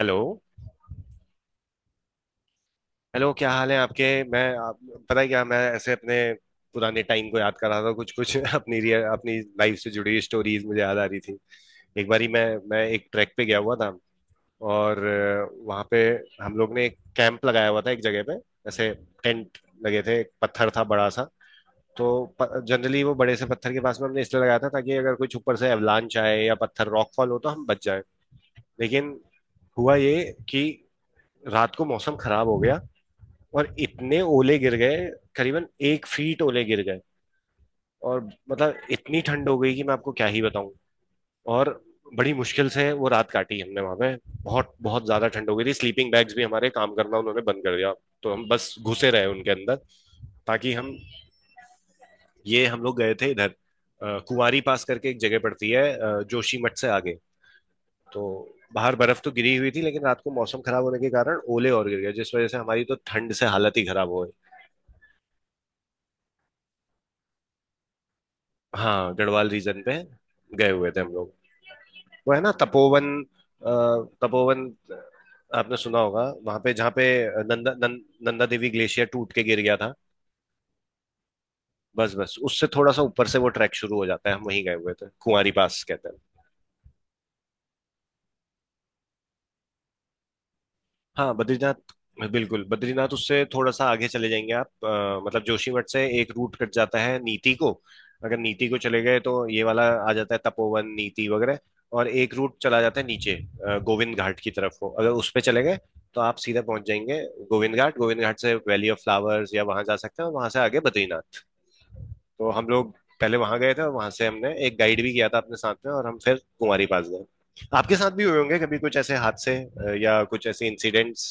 Hello. Hello, क्या हाल है आपके? मैं आप, पता है क्या, मैं ऐसे अपने पुराने टाइम को याद कर रहा था। कुछ कुछ अपनी रियल अपनी लाइफ से जुड़ी हुई स्टोरीज मुझे याद आ रही थी। एक बारी मैं एक ट्रैक पे गया हुआ था। और वहाँ पे हम लोग ने एक कैंप लगाया हुआ था एक जगह पे। ऐसे टेंट लगे थे, एक पत्थर था बड़ा सा। तो जनरली वो बड़े से पत्थर के पास में हमने इसलिए लगाया था ताकि अगर कुछ ऊपर से एवलांच आए या पत्थर रॉकफॉल हो तो हम बच जाए। लेकिन हुआ ये कि रात को मौसम खराब हो गया और इतने ओले गिर गए, करीबन 1 फीट ओले गिर गए। और मतलब इतनी ठंड हो गई कि मैं आपको क्या ही बताऊं। और बड़ी मुश्किल से वो रात काटी हमने वहां पे। बहुत बहुत ज्यादा ठंड हो गई थी, स्लीपिंग बैग्स भी हमारे काम करना उन्होंने बंद कर दिया। तो हम बस घुसे रहे उनके अंदर, ताकि हम। ये हम लोग गए थे इधर, कुंवारी पास करके एक जगह पड़ती है, जोशीमठ से आगे। तो बाहर बर्फ तो गिरी हुई थी, लेकिन रात को मौसम खराब होने के कारण ओले और गिर गए, जिस वजह से हमारी तो ठंड से हालत ही खराब हो गई। हाँ, गढ़वाल रीजन पे गए हुए थे हम लोग। वो है ना तपोवन, तपोवन आपने सुना होगा, वहां पे जहाँ पे नंदा नं, नंदा देवी ग्लेशियर टूट के गिर गया था। बस बस उससे थोड़ा सा ऊपर से वो ट्रैक शुरू हो जाता है, हम वहीं गए हुए थे, कुंवारी पास कहते। हाँ बद्रीनाथ। बिल्कुल, बद्रीनाथ उससे थोड़ा सा आगे चले जाएंगे आप। मतलब जोशीमठ से एक रूट कट जाता है नीति को। अगर नीति को चले गए तो ये वाला आ जाता है, तपोवन नीति वगैरह। और एक रूट चला जाता है नीचे, गोविंद घाट की तरफ को। अगर उस पे चले गए तो आप सीधा पहुंच जाएंगे गोविंद घाट। गोविंद घाट से वैली ऑफ फ्लावर्स या वहां जा सकते हैं और वहां से आगे बद्रीनाथ। तो हम लोग पहले वहां गए थे और वहां से हमने एक गाइड भी किया था अपने साथ में, और हम फिर कुमारी पास गए। आपके साथ भी हुए होंगे कभी कुछ ऐसे हादसे, या कुछ ऐसे इंसिडेंट्स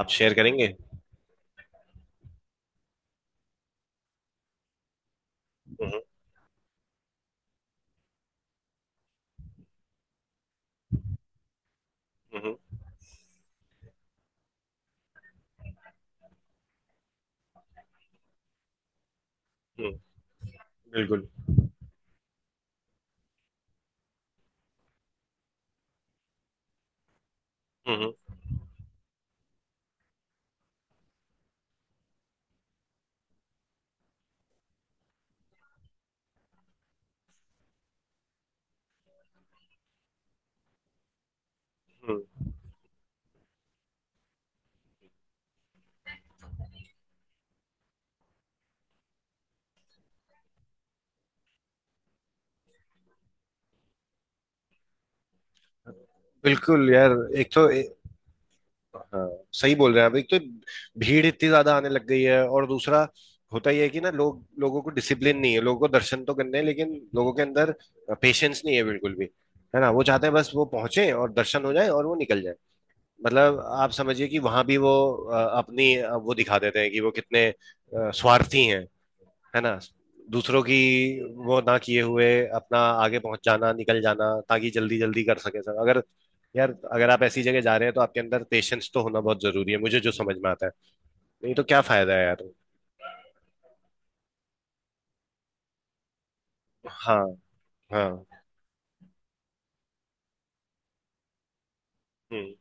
आप शेयर करेंगे? हम्म हम्म हम्म, बिल्कुल। हम्म हम्म। बिल्कुल यार। एक तो ए, हाँ, सही बोल रहे हैं आप। एक तो भीड़ इतनी ज्यादा आने लग गई है, और दूसरा होता ही है कि ना लोग, लोगों को डिसिप्लिन नहीं है। लोगों को दर्शन तो करने हैं, लेकिन लोगों के अंदर पेशेंस नहीं है बिल्कुल भी। है ना? वो चाहते हैं बस वो पहुंचे और दर्शन हो जाए और वो निकल जाए। मतलब आप समझिए कि वहां भी वो अपनी वो दिखा देते हैं कि वो कितने स्वार्थी हैं। है ना? दूसरों की वो ना किए हुए अपना आगे पहुंच जाना, निकल जाना ताकि जल्दी जल्दी कर सके सब। अगर यार अगर आप ऐसी जगह जा रहे हैं तो आपके अंदर पेशेंस तो होना बहुत जरूरी है, मुझे जो समझ में आता है। नहीं तो क्या फायदा है यार। हाँ। हाँ। हम्म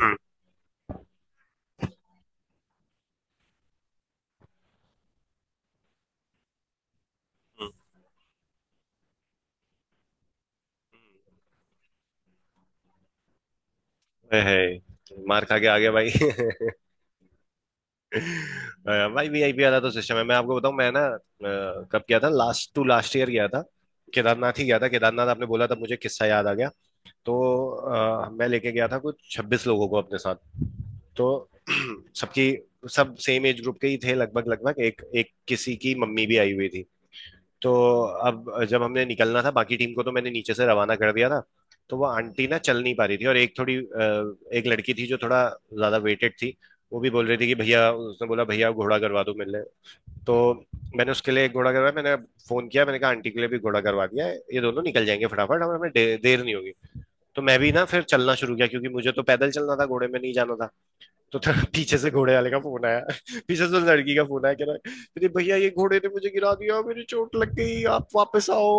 हम्म हम्म। मार खा के आगे भाई। अ, भाई वीआईपी वाला तो सिस्टम है। मैं आपको बताऊं, मैं ना कब गया था, लास्ट टू लास्ट ईयर गया था। केदारनाथ ही गया था। केदारनाथ आपने बोला तब मुझे किस्सा याद आ गया। तो मैं लेके गया था कुछ 26 लोगों को अपने साथ। तो सबकी सब सेम एज ग्रुप के ही थे लगभग लगभग, एक एक किसी की मम्मी भी आई हुई थी। तो अब जब हमने निकलना था बाकी टीम को तो मैंने नीचे से रवाना कर दिया था। तो वो आंटी ना चल नहीं पा रही थी, और एक थोड़ी एक लड़की थी जो थोड़ा ज्यादा वेटेड थी। वो भी बोल रही थी कि भैया, उसने बोला भैया घोड़ा करवा दो मेरे लिए। तो मैंने उसके लिए एक घोड़ा करवाया। मैंने फोन किया, मैंने कहा आंटी के लिए भी घोड़ा करवा दिया है, ये दोनों निकल जाएंगे फटाफट, हमें हमें दे, देर नहीं होगी। तो मैं भी ना फिर चलना शुरू किया क्योंकि मुझे तो पैदल चलना था, घोड़े में नहीं जाना था। तो था पीछे से घोड़े वाले का फोन आया, पीछे से लड़की का फोन आया, कह रहा है, अरे भैया ये घोड़े ने मुझे गिरा दिया, मेरी चोट लग गई, आप वापस आओ।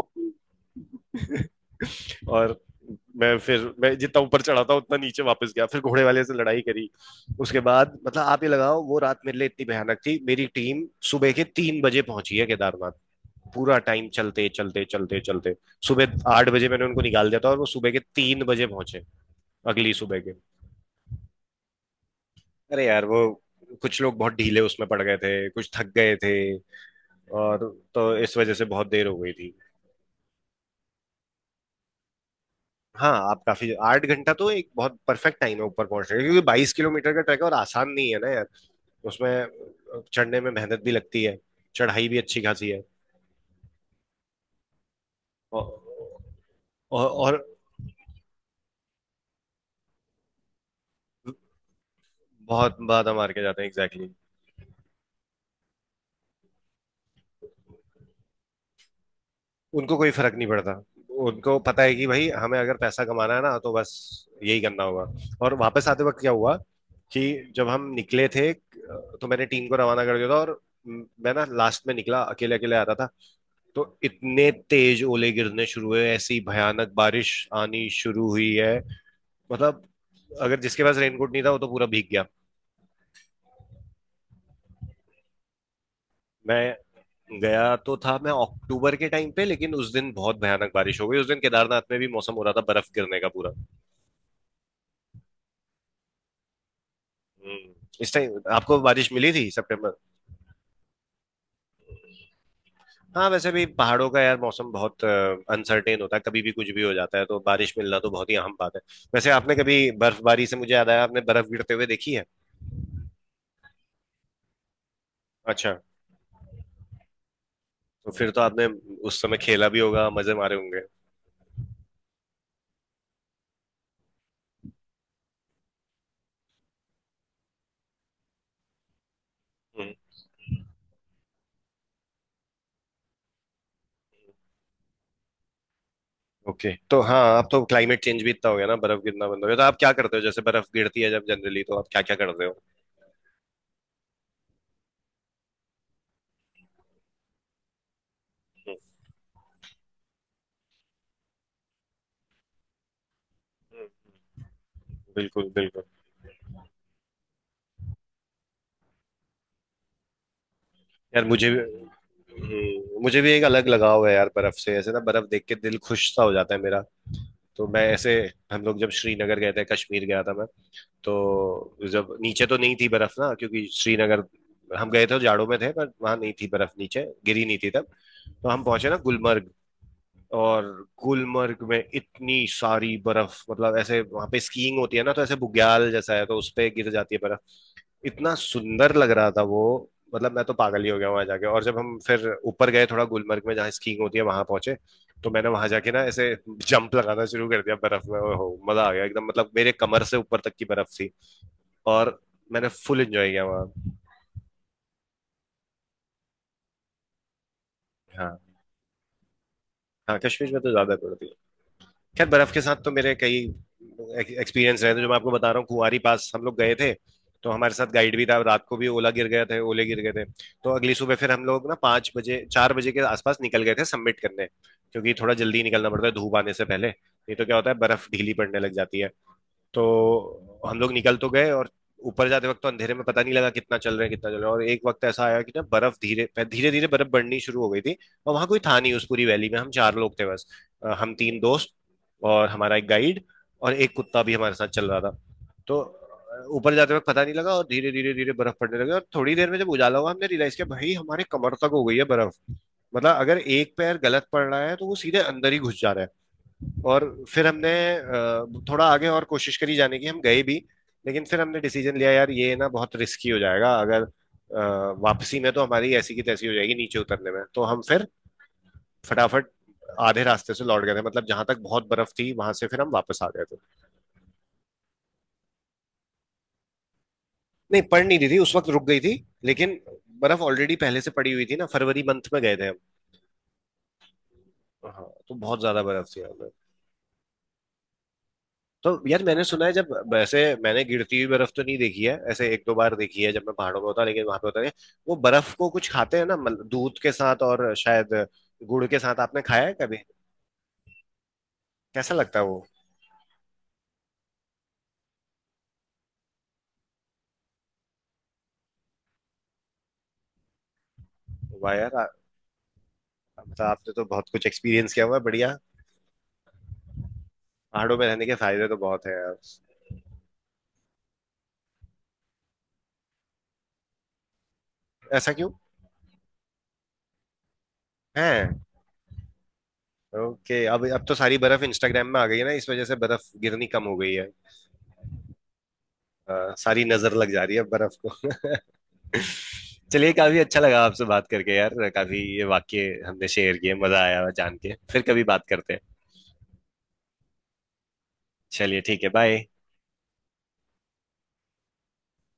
और मैं फिर मैं जितना ऊपर चढ़ा था उतना नीचे वापस गया, फिर घोड़े वाले से लड़ाई करी। उसके बाद मतलब आप ही लगाओ वो रात मेरे लिए इतनी भयानक थी। मेरी टीम सुबह के 3 बजे पहुंची है केदारनाथ। पूरा टाइम चलते चलते चलते चलते। सुबह 8 बजे मैंने उनको निकाल दिया था और वो सुबह के 3 बजे पहुंचे, अगली सुबह के। अरे यार वो कुछ लोग बहुत ढीले उसमें पड़ गए थे, कुछ थक गए थे, और तो इस वजह से बहुत देर हो गई थी। हाँ, आप काफी, 8 घंटा तो एक बहुत परफेक्ट टाइम है ऊपर पहुंचने का, क्योंकि 22 किलोमीटर का ट्रैक है और आसान नहीं है ना यार। उसमें चढ़ने में मेहनत भी लगती है, चढ़ाई भी अच्छी खासी है। और, और बहुत बाधा मार के जाते हैं, एग्जैक्टली। उनको कोई फर्क नहीं पड़ता। उनको पता है कि भाई हमें अगर पैसा कमाना है ना तो बस यही करना होगा। और वापस आते वक्त क्या हुआ कि जब हम निकले थे तो मैंने टीम को रवाना कर दिया था, और मैं ना लास्ट में निकला, अकेले अकेले आता था। तो इतने तेज ओले गिरने शुरू हुए, ऐसी भयानक बारिश आनी शुरू हुई है। मतलब अगर जिसके पास रेनकोट नहीं था वो तो पूरा भीग गया। मैं गया तो था मैं अक्टूबर के टाइम पे, लेकिन उस दिन बहुत भयानक बारिश हो गई, उस दिन केदारनाथ में भी मौसम हो रहा था बर्फ गिरने का पूरा। हम्म, इस टाइम आपको बारिश मिली थी सितंबर? हाँ वैसे भी पहाड़ों का यार मौसम बहुत अनसर्टेन होता है, कभी भी कुछ भी हो जाता है, तो बारिश मिलना तो बहुत ही अहम बात है। वैसे आपने कभी बर्फबारी से, मुझे याद आया, आपने बर्फ गिरते हुए देखी है? अच्छा। तो फिर तो आपने उस समय खेला भी होगा, मजे मारे होंगे। हम्म। ओके, तो हाँ अब तो क्लाइमेट चेंज भी इतना हो गया ना, बर्फ गिरना बंद हो गया। तो आप क्या करते हो, जैसे बर्फ गिरती है जब जनरली, तो आप क्या क्या करते हो? हम्म, बिल्कुल बिल्कुल। यार मुझे भी, मुझे भी एक अलग लगाव है यार बर्फ से, ऐसे ना बर्फ देख के दिल खुश सा हो जाता है मेरा। तो मैं ऐसे, हम लोग जब श्रीनगर गए थे, कश्मीर गया था मैं। तो जब नीचे तो नहीं थी बर्फ ना, क्योंकि श्रीनगर हम गए थे जाड़ों में थे, पर वहां नहीं थी बर्फ नीचे, गिरी नहीं थी तब। तो हम पहुंचे ना गुलमर्ग। और गुलमर्ग में इतनी सारी बर्फ, मतलब ऐसे वहां पे स्कीइंग होती है ना, तो ऐसे बुग्याल जैसा है तो उस पे गिर जाती है बर्फ। इतना सुंदर लग रहा था वो, मतलब मैं तो पागल ही हो गया वहां जाके। और जब हम फिर ऊपर गए थोड़ा गुलमर्ग में जहाँ स्कीइंग होती है वहां पहुंचे, तो मैंने वहां जाके ना ऐसे जंप लगाना शुरू कर दिया बर्फ में। ओहो, मजा आ गया एकदम, मतलब मेरे कमर से ऊपर तक की बर्फ थी। और मैंने फुल एंजॉय किया वहाँ। हाँ। हाँ कश्मीर में तो ज्यादा पड़ती। खैर, बर्फ के साथ तो मेरे कई एक्सपीरियंस रहे थे, जो मैं आपको बता रहा हूँ, कुंवारी पास हम लोग गए थे। तो हमारे साथ गाइड भी था, रात को भी ओला गिर गया थे, ओले गिर गए थे। तो अगली सुबह फिर हम लोग ना 5 बजे 4 बजे के आसपास निकल गए थे सबमिट करने, क्योंकि थोड़ा जल्दी निकलना पड़ता है धूप आने से पहले, नहीं तो क्या होता है बर्फ ढीली पड़ने लग जाती है। तो हम लोग निकल तो गए, और ऊपर जाते वक्त तो अंधेरे में पता नहीं लगा कितना चल रहे हैं, कितना चल रहा है। और एक वक्त ऐसा आया कि ना बर्फ धीरे धीरे धीरे बर्फ बढ़नी शुरू हो गई थी। और वहां कोई था नहीं उस पूरी वैली में, हम चार लोग थे बस, हम तीन दोस्त और हमारा एक गाइड, और एक कुत्ता भी हमारे साथ चल रहा था। तो ऊपर जाते वक्त पता नहीं लगा, और धीरे धीरे धीरे बर्फ पड़ने लगी और थोड़ी देर में जब उजाला हुआ हमने रियलाइज किया भाई हमारे कमर तक हो गई है बर्फ। मतलब अगर एक पैर गलत पड़ रहा है तो वो सीधे अंदर ही घुस जा रहा है। और फिर हमने थोड़ा आगे और कोशिश करी जाने की, हम गए भी, लेकिन फिर हमने डिसीजन लिया यार ये ना बहुत रिस्की हो जाएगा, अगर वापसी में तो हमारी ऐसी की तैसी हो जाएगी नीचे उतरने में। तो हम फिर फटाफट आधे रास्ते से लौट गए थे, मतलब जहां तक बहुत बर्फ थी वहां से फिर हम वापस आ गए थे। नहीं पड़ नहीं रही थी उस वक्त, रुक गई थी। लेकिन बर्फ ऑलरेडी पहले से पड़ी हुई थी ना, फरवरी मंथ में गए थे हम। हाँ तो बहुत ज्यादा बर्फ थी। तो यार मैंने सुना है जब वैसे, मैंने गिरती हुई बर्फ तो नहीं देखी है ऐसे, एक दो बार देखी है जब मैं पहाड़ों में होता लेकिन वहां पे होता नहीं। वो बर्फ को कुछ खाते हैं ना, मतलब दूध के साथ और शायद गुड़ के साथ, आपने खाया है कभी? कैसा लगता है वो? वाह यार। मतलब आपने तो बहुत कुछ एक्सपीरियंस किया हुआ है, बढ़िया। पहाड़ों में रहने के फायदे तो बहुत है यार। ऐसा क्यों? है। ओके, अब तो सारी बर्फ इंस्टाग्राम में आ गई है ना, इस वजह से बर्फ गिरनी कम हो गई है। सारी नजर लग जा रही है बर्फ को। चलिए, काफी अच्छा लगा आपसे बात करके यार, काफी ये वाक्य हमने शेयर किए, मजा आया जान के, फिर कभी बात करते हैं। चलिए ठीक है, बाय।